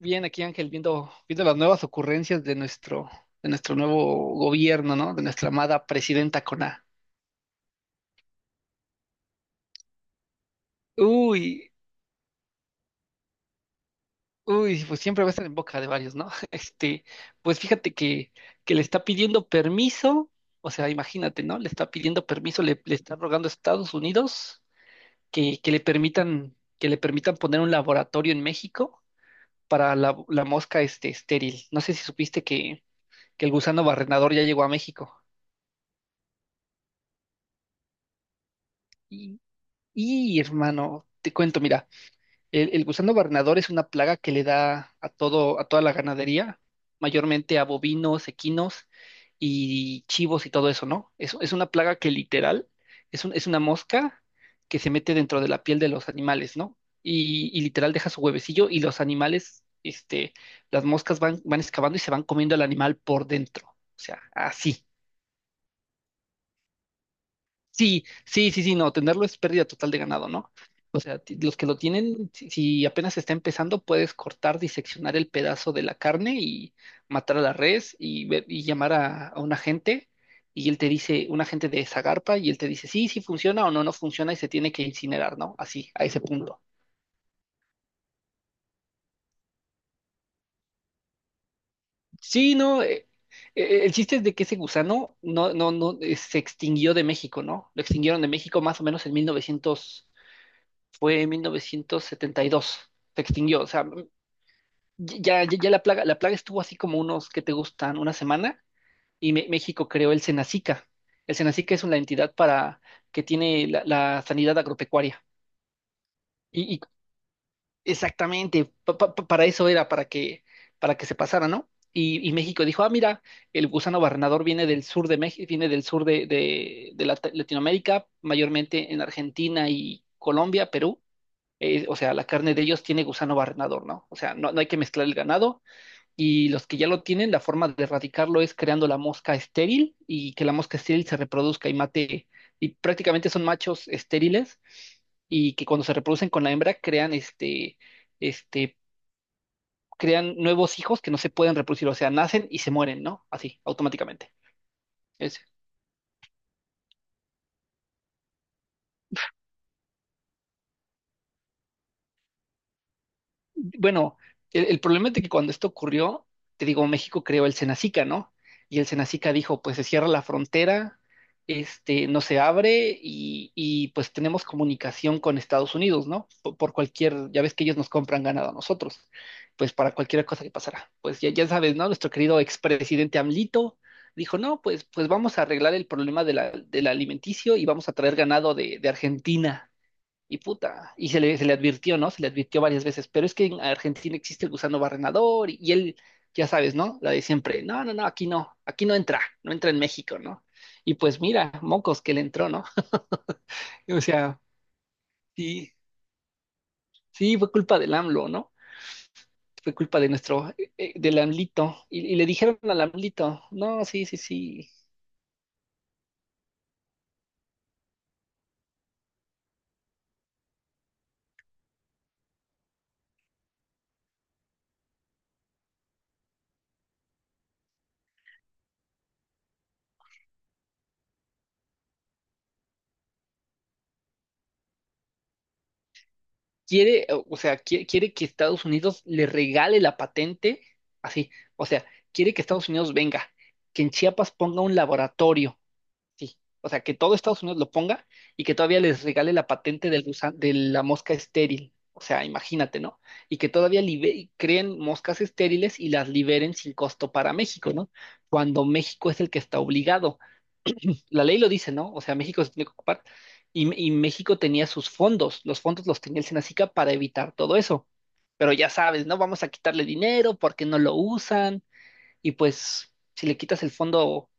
Bien, aquí Ángel, viendo las nuevas ocurrencias de nuestro nuevo gobierno, ¿no? De nuestra amada presidenta con A. Uy, uy, pues siempre va a estar en boca de varios, ¿no? Pues fíjate que le está pidiendo permiso, o sea, imagínate, ¿no? Le está pidiendo permiso, le está rogando a Estados Unidos que le permitan poner un laboratorio en México para la mosca estéril. No sé si supiste que el gusano barrenador ya llegó a México. Y hermano, te cuento, mira, el gusano barrenador es una plaga que le da a todo, a toda la ganadería, mayormente a bovinos, equinos y chivos y todo eso, ¿no? Es una plaga que literal es una mosca que se mete dentro de la piel de los animales, ¿no? Y literal deja su huevecillo y los animales, las moscas van excavando y se van comiendo al animal por dentro. O sea, así. Sí, sí, sí, sí, no, tenerlo es pérdida total de ganado, ¿no? O sea, los que lo tienen, si apenas está empezando, puedes cortar, diseccionar el pedazo de la carne y matar a la res y, y llamar a un agente y él te dice, un agente de Zagarpa y él te dice, sí, sí funciona o no, no funciona y se tiene que incinerar, ¿no? Así, a ese punto. Sí, no, el chiste es de que ese gusano no, no, no, se extinguió de México, ¿no? Lo extinguieron de México más o menos en 1900 fue en 1972, se extinguió, o sea, ya, ya, ya la plaga estuvo así como unos que te gustan, una semana, y México creó el Senacica. El Senacica es una entidad para que tiene la sanidad agropecuaria. Y exactamente, para eso era, para que se pasara, ¿no? Y México dijo, ah, mira, el gusano barrenador viene del sur de México, viene del sur de Latinoamérica, mayormente en Argentina y Colombia, Perú, o sea, la carne de ellos tiene gusano barrenador, ¿no? O sea, no, no hay que mezclar el ganado y los que ya lo tienen, la forma de erradicarlo es creando la mosca estéril y que la mosca estéril se reproduzca y mate, y prácticamente son machos estériles y que cuando se reproducen con la hembra crean este, crean nuevos hijos que no se pueden reproducir, o sea, nacen y se mueren, ¿no? Así, automáticamente. Es, bueno, el problema es de que cuando esto ocurrió, te digo, México creó el Cenacica, ¿no? Y el Cenacica dijo, pues se cierra la frontera, no se abre y pues tenemos comunicación con Estados Unidos, ¿no? Por cualquier, ya ves que ellos nos compran ganado a nosotros, pues para cualquier cosa que pasara. Pues ya, ya sabes, ¿no? Nuestro querido expresidente AMLito dijo, no, pues vamos a arreglar el problema del alimenticio y vamos a traer ganado de Argentina. Y puta, y se le advirtió, ¿no? Se le advirtió varias veces, pero es que en Argentina existe el gusano barrenador y él, ya sabes, ¿no? La de siempre, no, no, no, aquí no, aquí no entra, no entra en México, ¿no? Y pues mira, mocos que le entró, ¿no? O sea, sí, sí, fue culpa del AMLO, ¿no? Fue culpa del AMLito. Y le dijeron al AMLito, no, sí, sí, sí, quiere, o sea, quiere que Estados Unidos le regale la patente, así, o sea, quiere que Estados Unidos venga, que en Chiapas ponga un laboratorio, sí, o sea, que todo Estados Unidos lo ponga y que todavía les regale la patente de la mosca estéril, o sea, imagínate, ¿no? Y que todavía creen moscas estériles y las liberen sin costo para México, ¿no? Cuando México es el que está obligado la ley lo dice, ¿no? O sea, México se tiene que ocupar y México tenía sus fondos los tenía el Senacica para evitar todo eso, pero ya sabes, ¿no? Vamos a quitarle dinero porque no lo usan y pues si le quitas el fondo,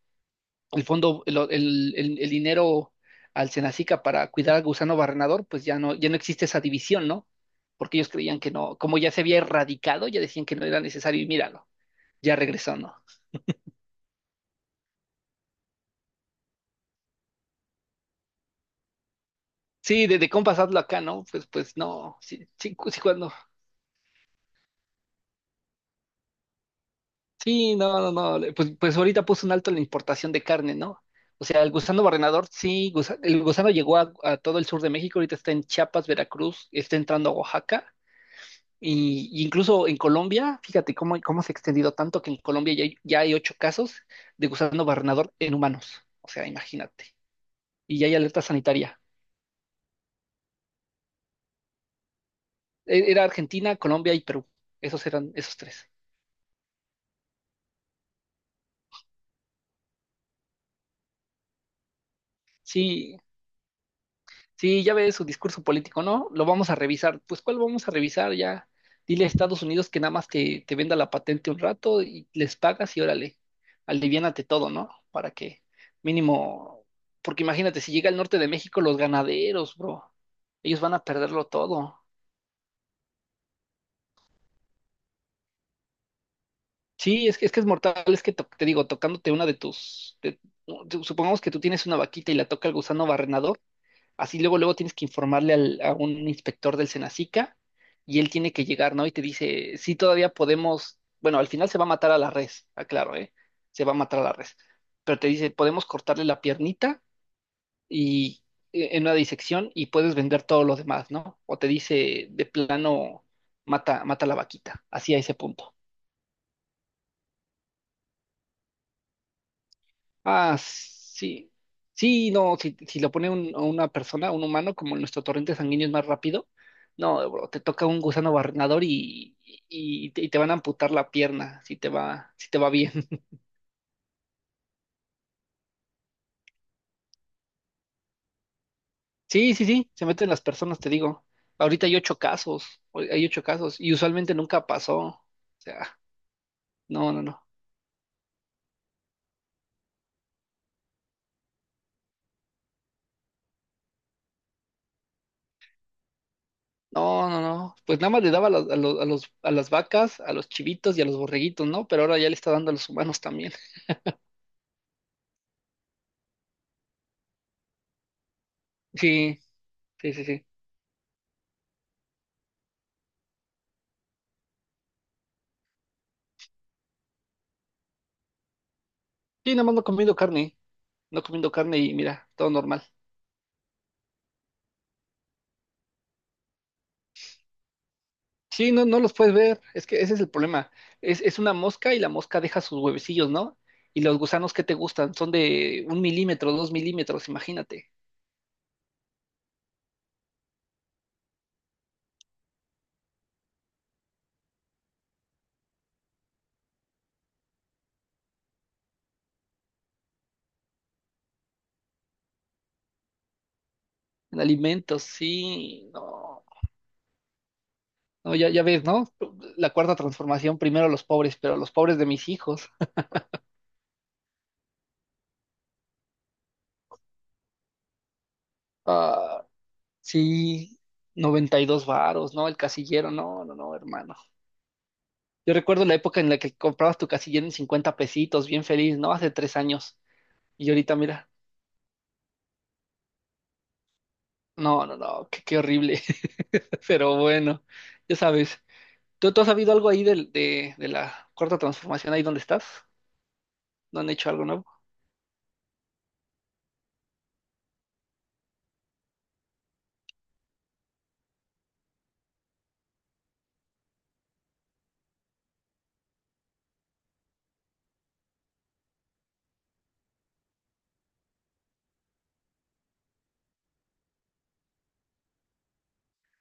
el fondo, el dinero al Senacica para cuidar al gusano barrenador, pues ya no existe esa división, ¿no? Porque ellos creían que no, como ya se había erradicado, ya decían que no era necesario y míralo, ya regresó, ¿no? Sí, de compas hazlo acá, ¿no? Pues no, sí, sí, sí, cuando. Sí, no, no, no. Pues ahorita puso un alto en la importación de carne, ¿no? O sea, el gusano barrenador, sí, el gusano llegó a todo el sur de México, ahorita está en Chiapas, Veracruz, está entrando a Oaxaca, y incluso en Colombia, fíjate cómo se ha extendido tanto que en Colombia ya hay ocho casos de gusano barrenador en humanos. O sea, imagínate. Y ya hay alerta sanitaria. Era Argentina, Colombia y Perú. Esos eran esos tres. Sí, sí, ya ves su discurso político, ¿no? Lo vamos a revisar. Pues, ¿cuál vamos a revisar? Ya dile a Estados Unidos que nada más te venda la patente un rato y les pagas y órale, aliviánate todo, ¿no? Para que mínimo, porque imagínate, si llega al norte de México, los ganaderos, bro, ellos van a perderlo todo. Sí, es que es mortal, es que te digo, tocándote una de tus, supongamos que tú tienes una vaquita y la toca el gusano barrenador. Así luego, luego tienes que informarle a un inspector del Senacica y él tiene que llegar, ¿no? Y te dice, sí, todavía podemos, bueno, al final se va a matar a la res, aclaro, ¿eh? Se va a matar a la res. Pero te dice, podemos cortarle la piernita y en una disección y puedes vender todo lo demás, ¿no? O te dice, de plano, mata, mata a la vaquita, así a ese punto. Ah, sí. Sí, no, si lo pone a una persona, un humano, como nuestro torrente sanguíneo es más rápido, no, bro, te toca un gusano barrenador y te van a amputar la pierna si te va bien. Sí, sí, sí, se meten las personas, te digo. Ahorita hay ocho casos, hoy hay ocho casos, y usualmente nunca pasó. O sea, no, no, no. No, no, no. Pues nada más le daba a las vacas, a los chivitos y a los borreguitos, ¿no? Pero ahora ya le está dando a los humanos también. Sí, sí, sí, sí. Sí, nada más no comiendo carne, no comiendo carne y mira, todo normal. Sí, no, no los puedes ver, es que ese es el problema. Es una mosca y la mosca deja sus huevecillos, ¿no? Y los gusanos que te gustan son de 1 mm, 2 mm, imagínate. En alimentos, sí, no. No, ya, ya ves, ¿no? La cuarta transformación, primero los pobres, pero los pobres de mis hijos. Ah, sí, 92 varos, ¿no? El casillero, no, no, no, hermano. Yo recuerdo la época en la que comprabas tu casillero en 50 pesitos, bien feliz, ¿no? Hace 3 años. Y ahorita, mira, no, no, no, qué horrible. Pero bueno, ya sabes. ¿Tú has sabido algo ahí de la cuarta transformación, ahí donde estás? ¿No han hecho algo nuevo?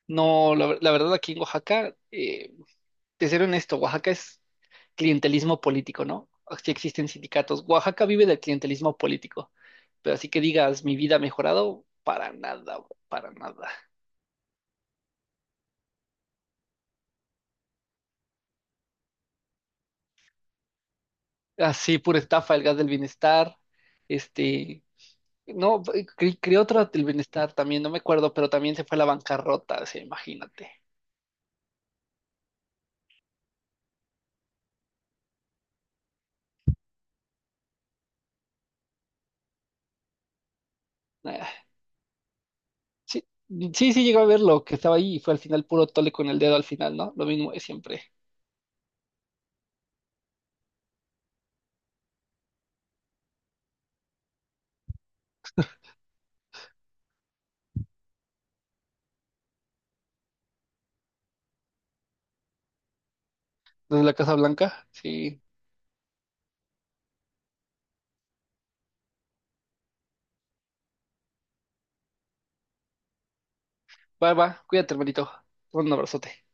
No, la verdad, aquí en Oaxaca, te seré honesto, Oaxaca es clientelismo político, ¿no? Sí existen sindicatos. Oaxaca vive del clientelismo político, pero así que digas, mi vida ha mejorado, para nada, bro, para nada. Así, pura estafa, el gas del bienestar, este, No, creó otro del bienestar también, no me acuerdo, pero también se fue a la bancarrota, o sea, imagínate. Ah, sí, sí, sí llegó a verlo, que estaba ahí y fue al final puro tole con el dedo al final, ¿no? Lo mismo de siempre. Desde la Casa Blanca, sí. Va, va, cuídate, hermanito. Un abrazote.